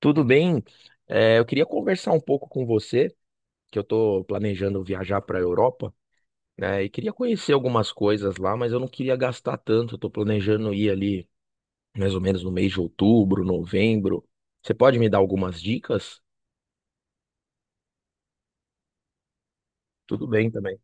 Tudo bem? Eu queria conversar um pouco com você, que eu estou planejando viajar para a Europa, né? E queria conhecer algumas coisas lá, mas eu não queria gastar tanto. Eu tô planejando ir ali mais ou menos no mês de outubro, novembro. Você pode me dar algumas dicas? Tudo bem também.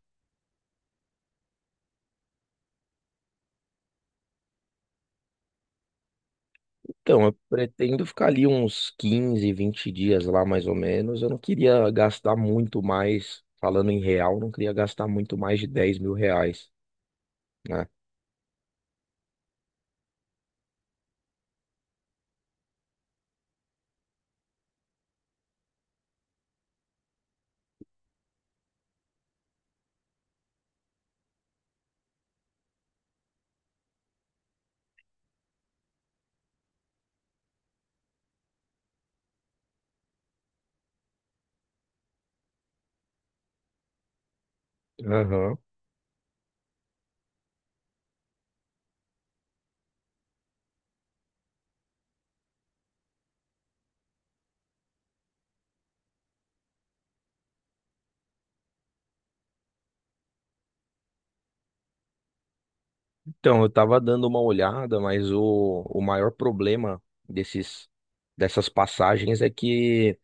Então, eu pretendo ficar ali uns 15, 20 dias lá mais ou menos. Eu não queria gastar muito mais, falando em real, não queria gastar muito mais de 10.000 reais, né? Aham. Então, eu tava dando uma olhada, mas o maior problema desses, dessas passagens é que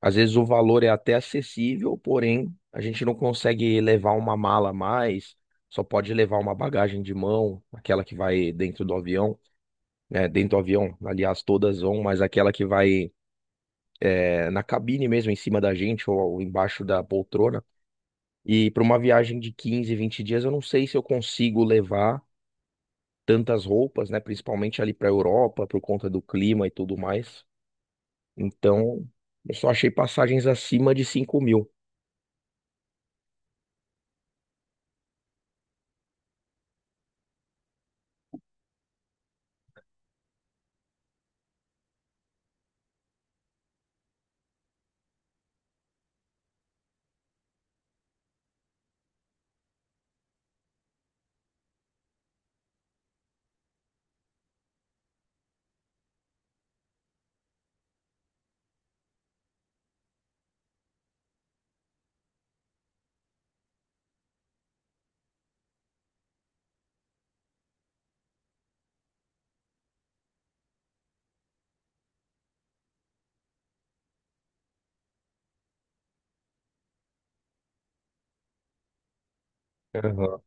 às vezes o valor é até acessível, porém a gente não consegue levar uma mala a mais, só pode levar uma bagagem de mão, aquela que vai dentro do avião, né? Dentro do avião, aliás, todas vão, mas aquela que vai na cabine mesmo, em cima da gente ou embaixo da poltrona. E para uma viagem de 15, 20 dias, eu não sei se eu consigo levar tantas roupas, né? Principalmente ali para a Europa, por conta do clima e tudo mais. Então, eu só achei passagens acima de 5.000. Aham.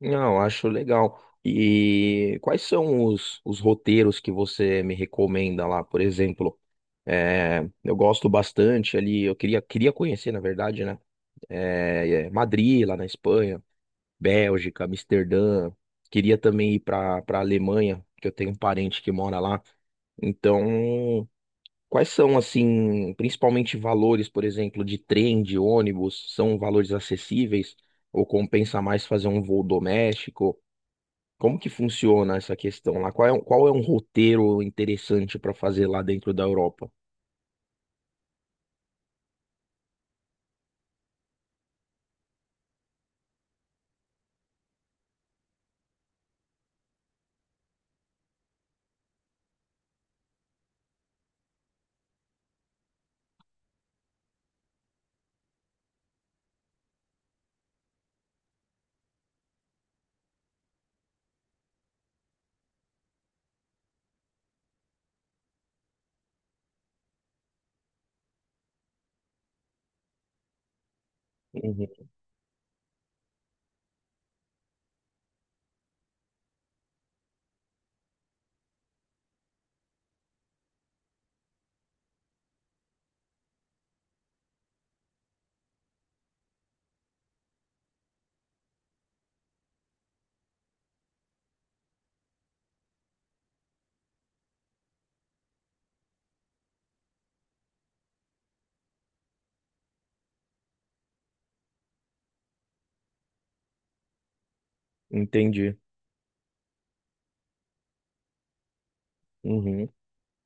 Não, acho legal. E quais são os roteiros que você me recomenda lá, por exemplo? Eu gosto bastante ali, eu queria conhecer, na verdade, né? Madrid, lá na Espanha, Bélgica, Amsterdã. Queria também ir para Alemanha, que eu tenho um parente que mora lá. Então, quais são, assim, principalmente valores, por exemplo, de trem, de ônibus? São valores acessíveis? Ou compensa mais fazer um voo doméstico? Como que funciona essa questão lá? Qual é um roteiro interessante para fazer lá dentro da Europa? Uhum, entendi. Uhum.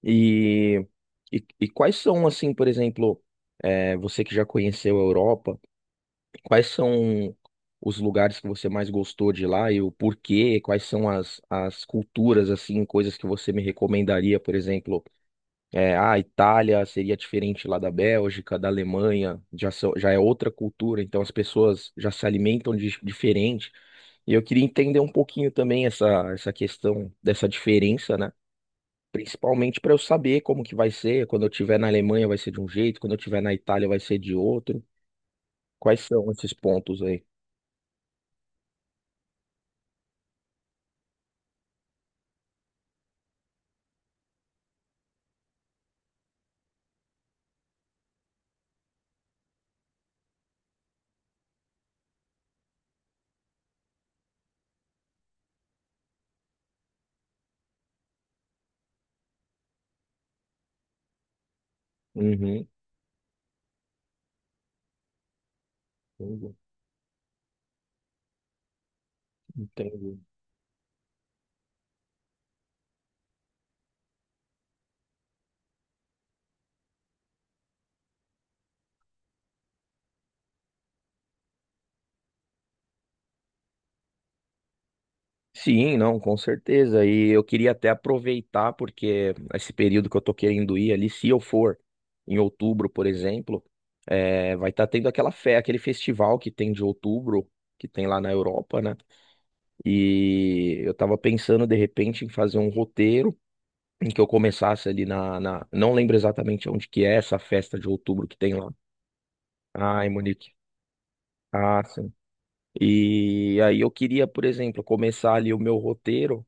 E, e quais são, assim, por exemplo, você que já conheceu a Europa, quais são os lugares que você mais gostou de lá e o porquê? Quais são as culturas, assim, coisas que você me recomendaria, por exemplo? Ah, a Itália seria diferente lá da Bélgica, da Alemanha, já, já é outra cultura, então as pessoas já se alimentam diferente. E eu queria entender um pouquinho também essa questão dessa diferença, né? Principalmente para eu saber como que vai ser, quando eu estiver na Alemanha vai ser de um jeito, quando eu estiver na Itália vai ser de outro. Quais são esses pontos aí? Uhum. Entendi. Entendi. Sim, não, com certeza. E eu queria até aproveitar, porque esse período que eu tô querendo ir ali, se eu for em outubro, por exemplo, vai estar tendo aquele festival que tem de outubro, que tem lá na Europa, né? E eu tava pensando, de repente, em fazer um roteiro em que eu começasse ali Não lembro exatamente onde que é essa festa de outubro que tem lá. Ah, em Monique. Ah, sim. E aí eu queria, por exemplo, começar ali o meu roteiro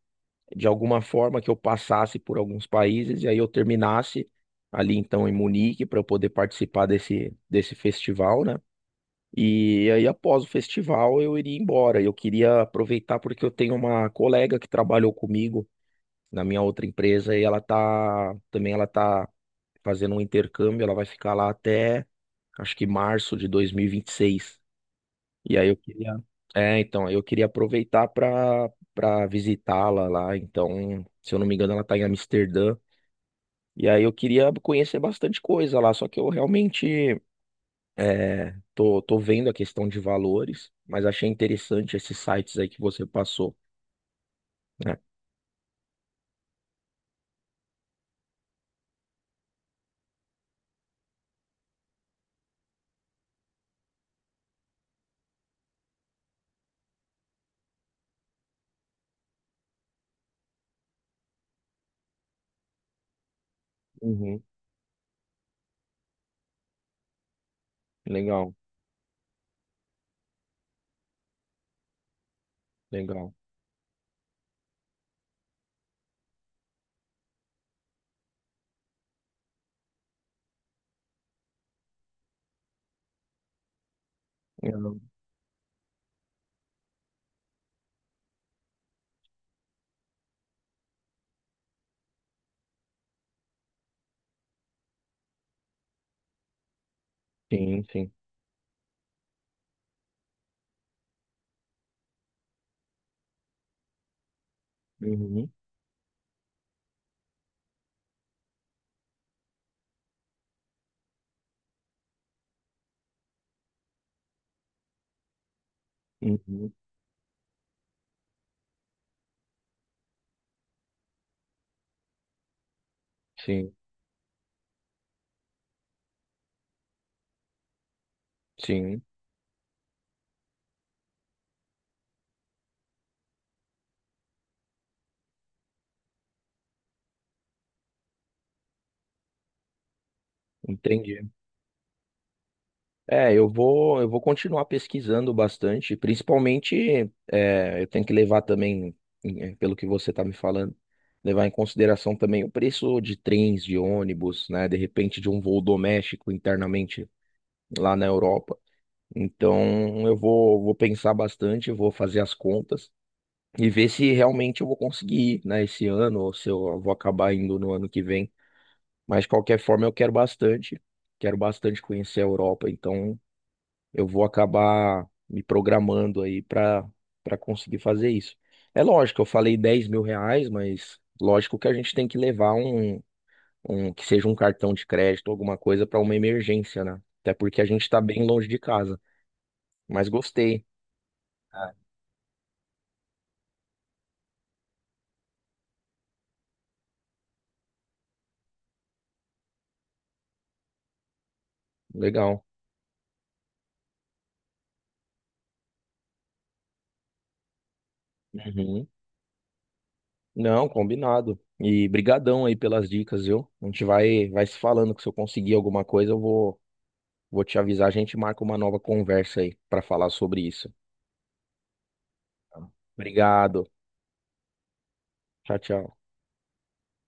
de alguma forma que eu passasse por alguns países e aí eu terminasse ali então em Munique para eu poder participar desse festival, né? E aí após o festival eu iria embora. Eu queria aproveitar porque eu tenho uma colega que trabalhou comigo na minha outra empresa e ela tá também ela tá fazendo um intercâmbio, ela vai ficar lá até acho que março de 2026. E aí eu queria aproveitar para visitá-la lá. Então, se eu não me engano, ela está em Amsterdã. E aí eu queria conhecer bastante coisa lá, só que eu realmente tô vendo a questão de valores, mas achei interessante esses sites aí que você passou, né? Uhum, legal, legal. Uhum, sim, sim. Uhum, uhum, sim, sim, entendi. Eu vou continuar pesquisando bastante, principalmente, eu tenho que levar também, pelo que você está me falando, levar em consideração também o preço de trens, de ônibus, né, de repente de um voo doméstico internamente lá na Europa. Então, vou pensar bastante, vou fazer as contas e ver se realmente eu vou conseguir ir, né, esse ano ou se eu vou acabar me programando aí para conseguir fazer isso. É lógico, eu falei 10.000 reais, mas lógico que a gente tem que levar um que seja um cartão de crédito, alguma coisa para uma emergência, né? Até porque a gente está bem longe de casa. Mas gostei, legal. Uhum. Não, combinado. E brigadão aí pelas dicas, viu? A gente vai se falando que se eu conseguir alguma coisa, eu vou te avisar, a gente marca uma nova conversa aí para falar sobre isso. Obrigado. Tchau, tchau.